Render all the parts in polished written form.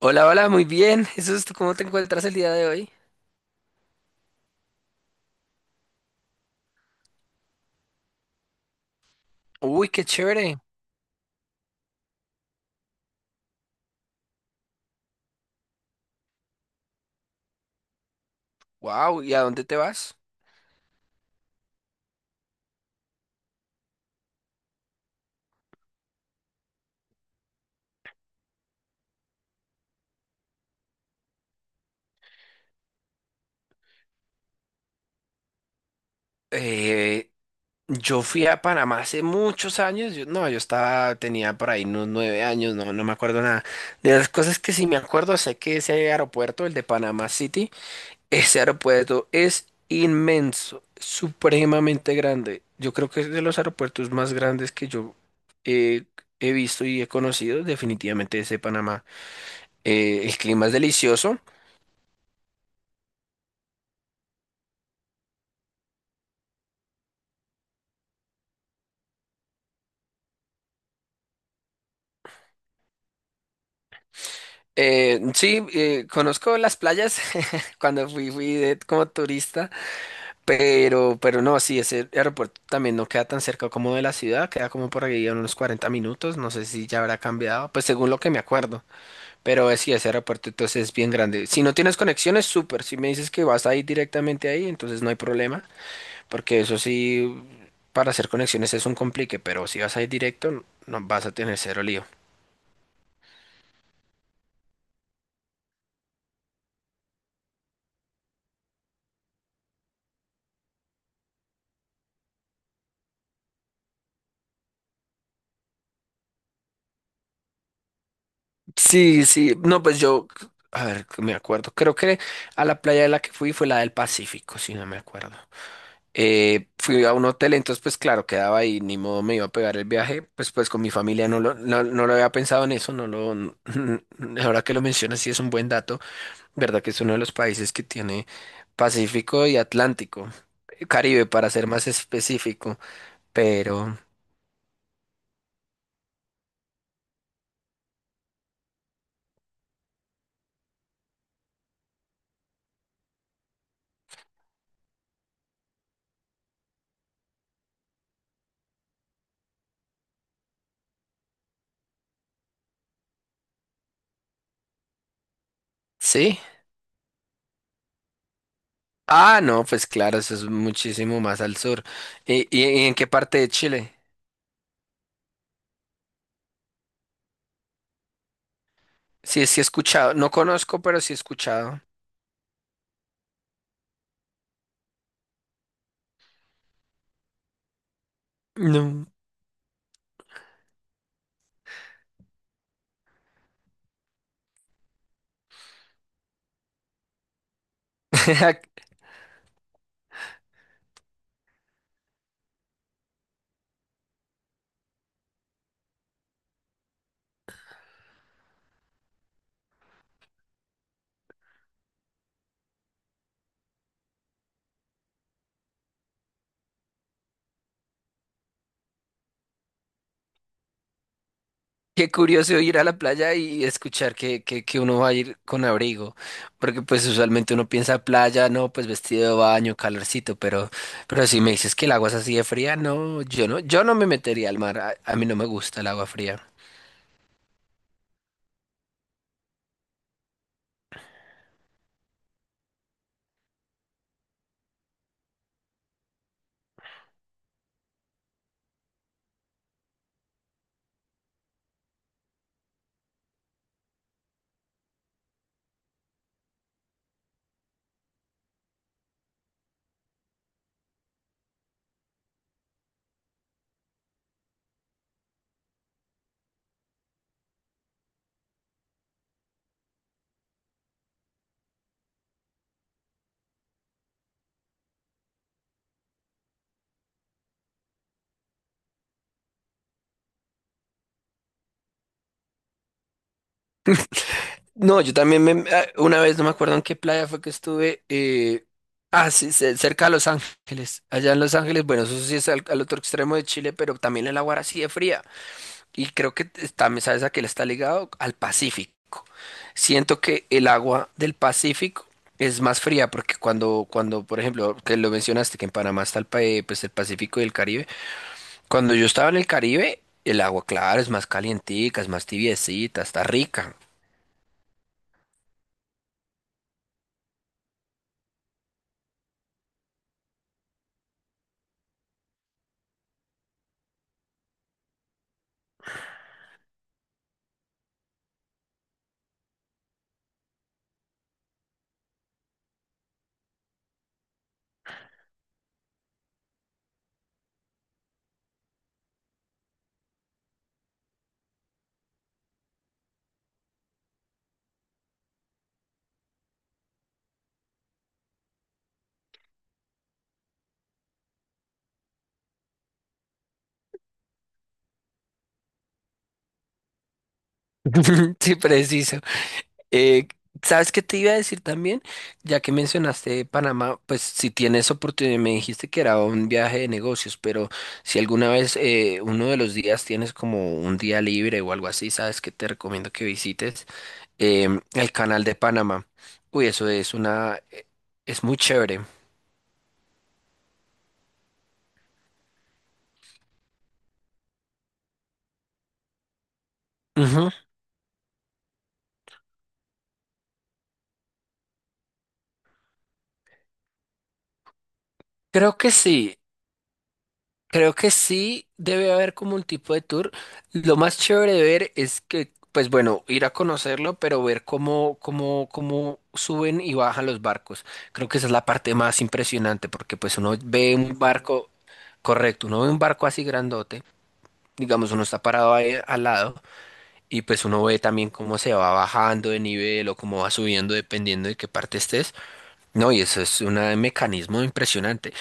Hola, hola, muy bien. Jesús, ¿tú cómo te encuentras el día de hoy? Uy, qué chévere. Wow, ¿y a dónde te vas? Eh, yo fui a Panamá hace muchos años. Yo, no, yo estaba, tenía por ahí unos 9 años, no, no me acuerdo nada. De las cosas que sí me acuerdo, sé que ese aeropuerto, el de Panama City, ese aeropuerto es inmenso, supremamente grande. Yo creo que es de los aeropuertos más grandes que yo eh, he visto y he conocido, definitivamente ese de Panamá. El clima es delicioso. Sí, conozco las playas cuando fui, como turista, pero no, sí, ese aeropuerto también no queda tan cerca como de la ciudad, queda como por ahí a unos 40 minutos, no sé si ya habrá cambiado, pues según lo que me acuerdo, pero sí, ese aeropuerto entonces es bien grande. Si no tienes conexiones, súper, si me dices que vas a ir directamente ahí, entonces no hay problema, porque eso sí, para hacer conexiones es un complique, pero si vas a ir directo, no vas a tener cero lío. Sí, sí, no, pues yo, a ver, que me acuerdo, creo que a la playa de la que fui fue la del Pacífico, si no me acuerdo. Fui a un hotel, entonces pues claro, quedaba ahí, ni modo me iba a pegar el viaje, pues con mi familia no lo, no, no lo había pensado en eso, no lo, ahora que lo mencionas sí es un buen dato, verdad que es uno de los países que tiene Pacífico y Atlántico, Caribe para ser más específico, pero sí. Ah, no, pues claro, eso es muchísimo más al sur. ¿Y, y en qué parte de Chile? Sí, sí he escuchado. No conozco, pero sí he escuchado. No. Qué curioso ir a la playa y escuchar que uno va a ir con abrigo, porque pues usualmente uno piensa playa, no, pues vestido de baño, calorcito, pero si me dices que el agua es así de fría, no, yo no, yo no me metería al mar, a mí no me gusta el agua fría. No, yo también me, ah, una vez no me acuerdo en qué playa fue que estuve, ah, sí, cerca de Los Ángeles, allá en Los Ángeles, bueno, eso sí es al, al otro extremo de Chile, pero también el agua era así de fría. Y creo que también sabes a qué le está ligado al Pacífico. Siento que el agua del Pacífico es más fría porque cuando, cuando, por ejemplo, que lo mencionaste, que en Panamá está el, pues, el Pacífico y el Caribe. Cuando yo estaba en el Caribe, el agua, claro, es más calientica, es más tibiecita, está rica. Sí, preciso. Eh, ¿Sabes qué te iba a decir también? Ya que mencionaste Panamá, pues si tienes oportunidad, me dijiste que era un viaje de negocios, pero si alguna vez uno de los días tienes como un día libre o algo así, ¿sabes qué te recomiendo que visites? El canal de Panamá. Uy, eso es una... es muy chévere. Ujú. Creo que sí. Creo que sí debe haber como un tipo de tour. Lo más chévere de ver es que, pues bueno, ir a conocerlo, pero ver cómo, cómo, cómo suben y bajan los barcos. Creo que esa es la parte más impresionante, porque pues uno ve un barco, correcto, uno ve un barco así grandote, digamos, uno está parado ahí al lado, y pues uno ve también cómo se va bajando de nivel o cómo va subiendo dependiendo de qué parte estés. No, y eso es un mecanismo impresionante.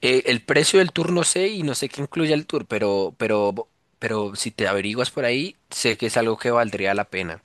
El precio del tour no sé y no sé qué incluye el tour, pero si te averiguas por ahí, sé que es algo que valdría la pena.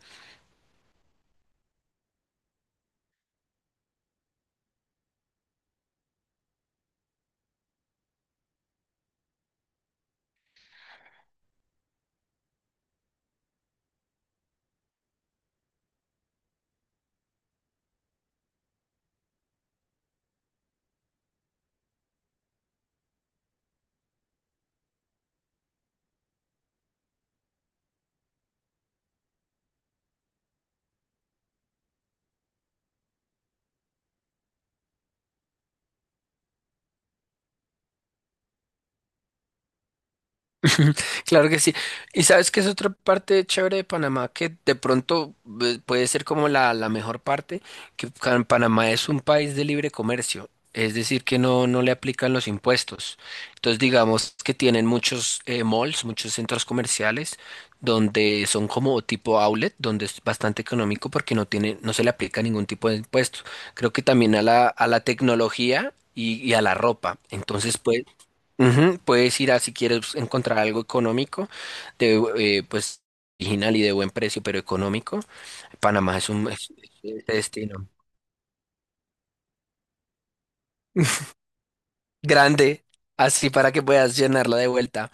Claro que sí. Y sabes que es otra parte chévere de Panamá que de pronto puede ser como la mejor parte, que Panamá es un país de libre comercio, es decir, que no, no le aplican los impuestos. Entonces, digamos que tienen muchos malls, muchos centros comerciales, donde son como tipo outlet, donde es bastante económico porque no tiene, no se le aplica ningún tipo de impuesto. Creo que también a la tecnología y a la ropa. Entonces, pues, ujú, puedes ir a si quieres pues, encontrar algo económico, de, pues original y de buen precio, pero económico. Panamá es un es destino grande, así para que puedas llenarla de vuelta.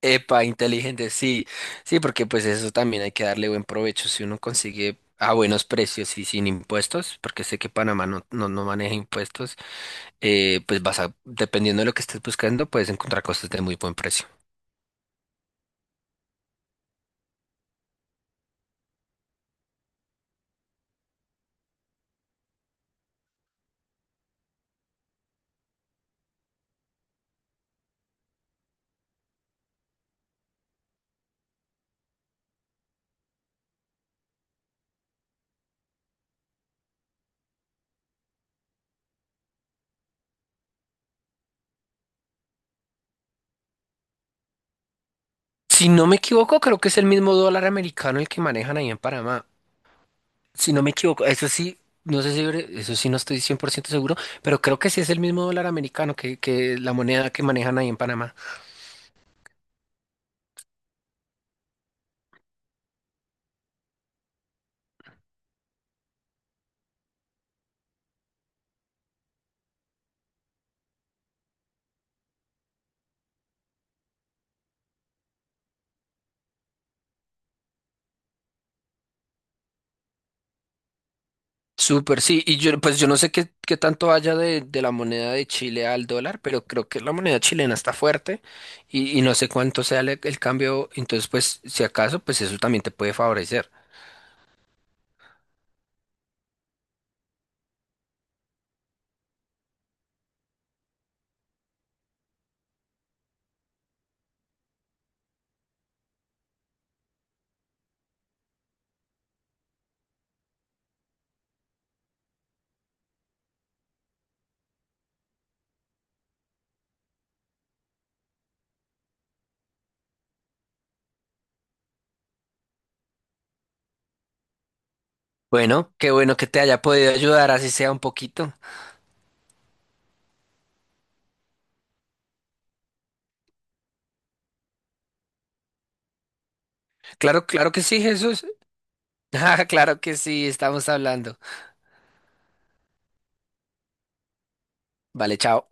Epa, inteligente, sí, sí, porque pues eso también hay que darle buen provecho si uno consigue a buenos precios y sin impuestos, porque sé que Panamá no, no, no maneja impuestos, pues vas a, dependiendo de lo que estés buscando, puedes encontrar cosas de muy buen precio. Si no me equivoco, creo que es el mismo dólar americano el que manejan ahí en Panamá. Si no me equivoco, eso sí, no sé si, eso sí no estoy 100% seguro, pero creo que sí es el mismo dólar americano que la moneda que manejan ahí en Panamá. Súper, sí. Y yo, pues yo no sé qué, qué tanto haya de la moneda de Chile al dólar, pero creo que la moneda chilena está fuerte y no sé cuánto sea el cambio. Entonces, pues, si acaso, pues eso también te puede favorecer. Bueno, qué bueno que te haya podido ayudar, así sea un poquito. Claro, claro que sí, Jesús. Ah, claro que sí, estamos hablando. Vale, chao.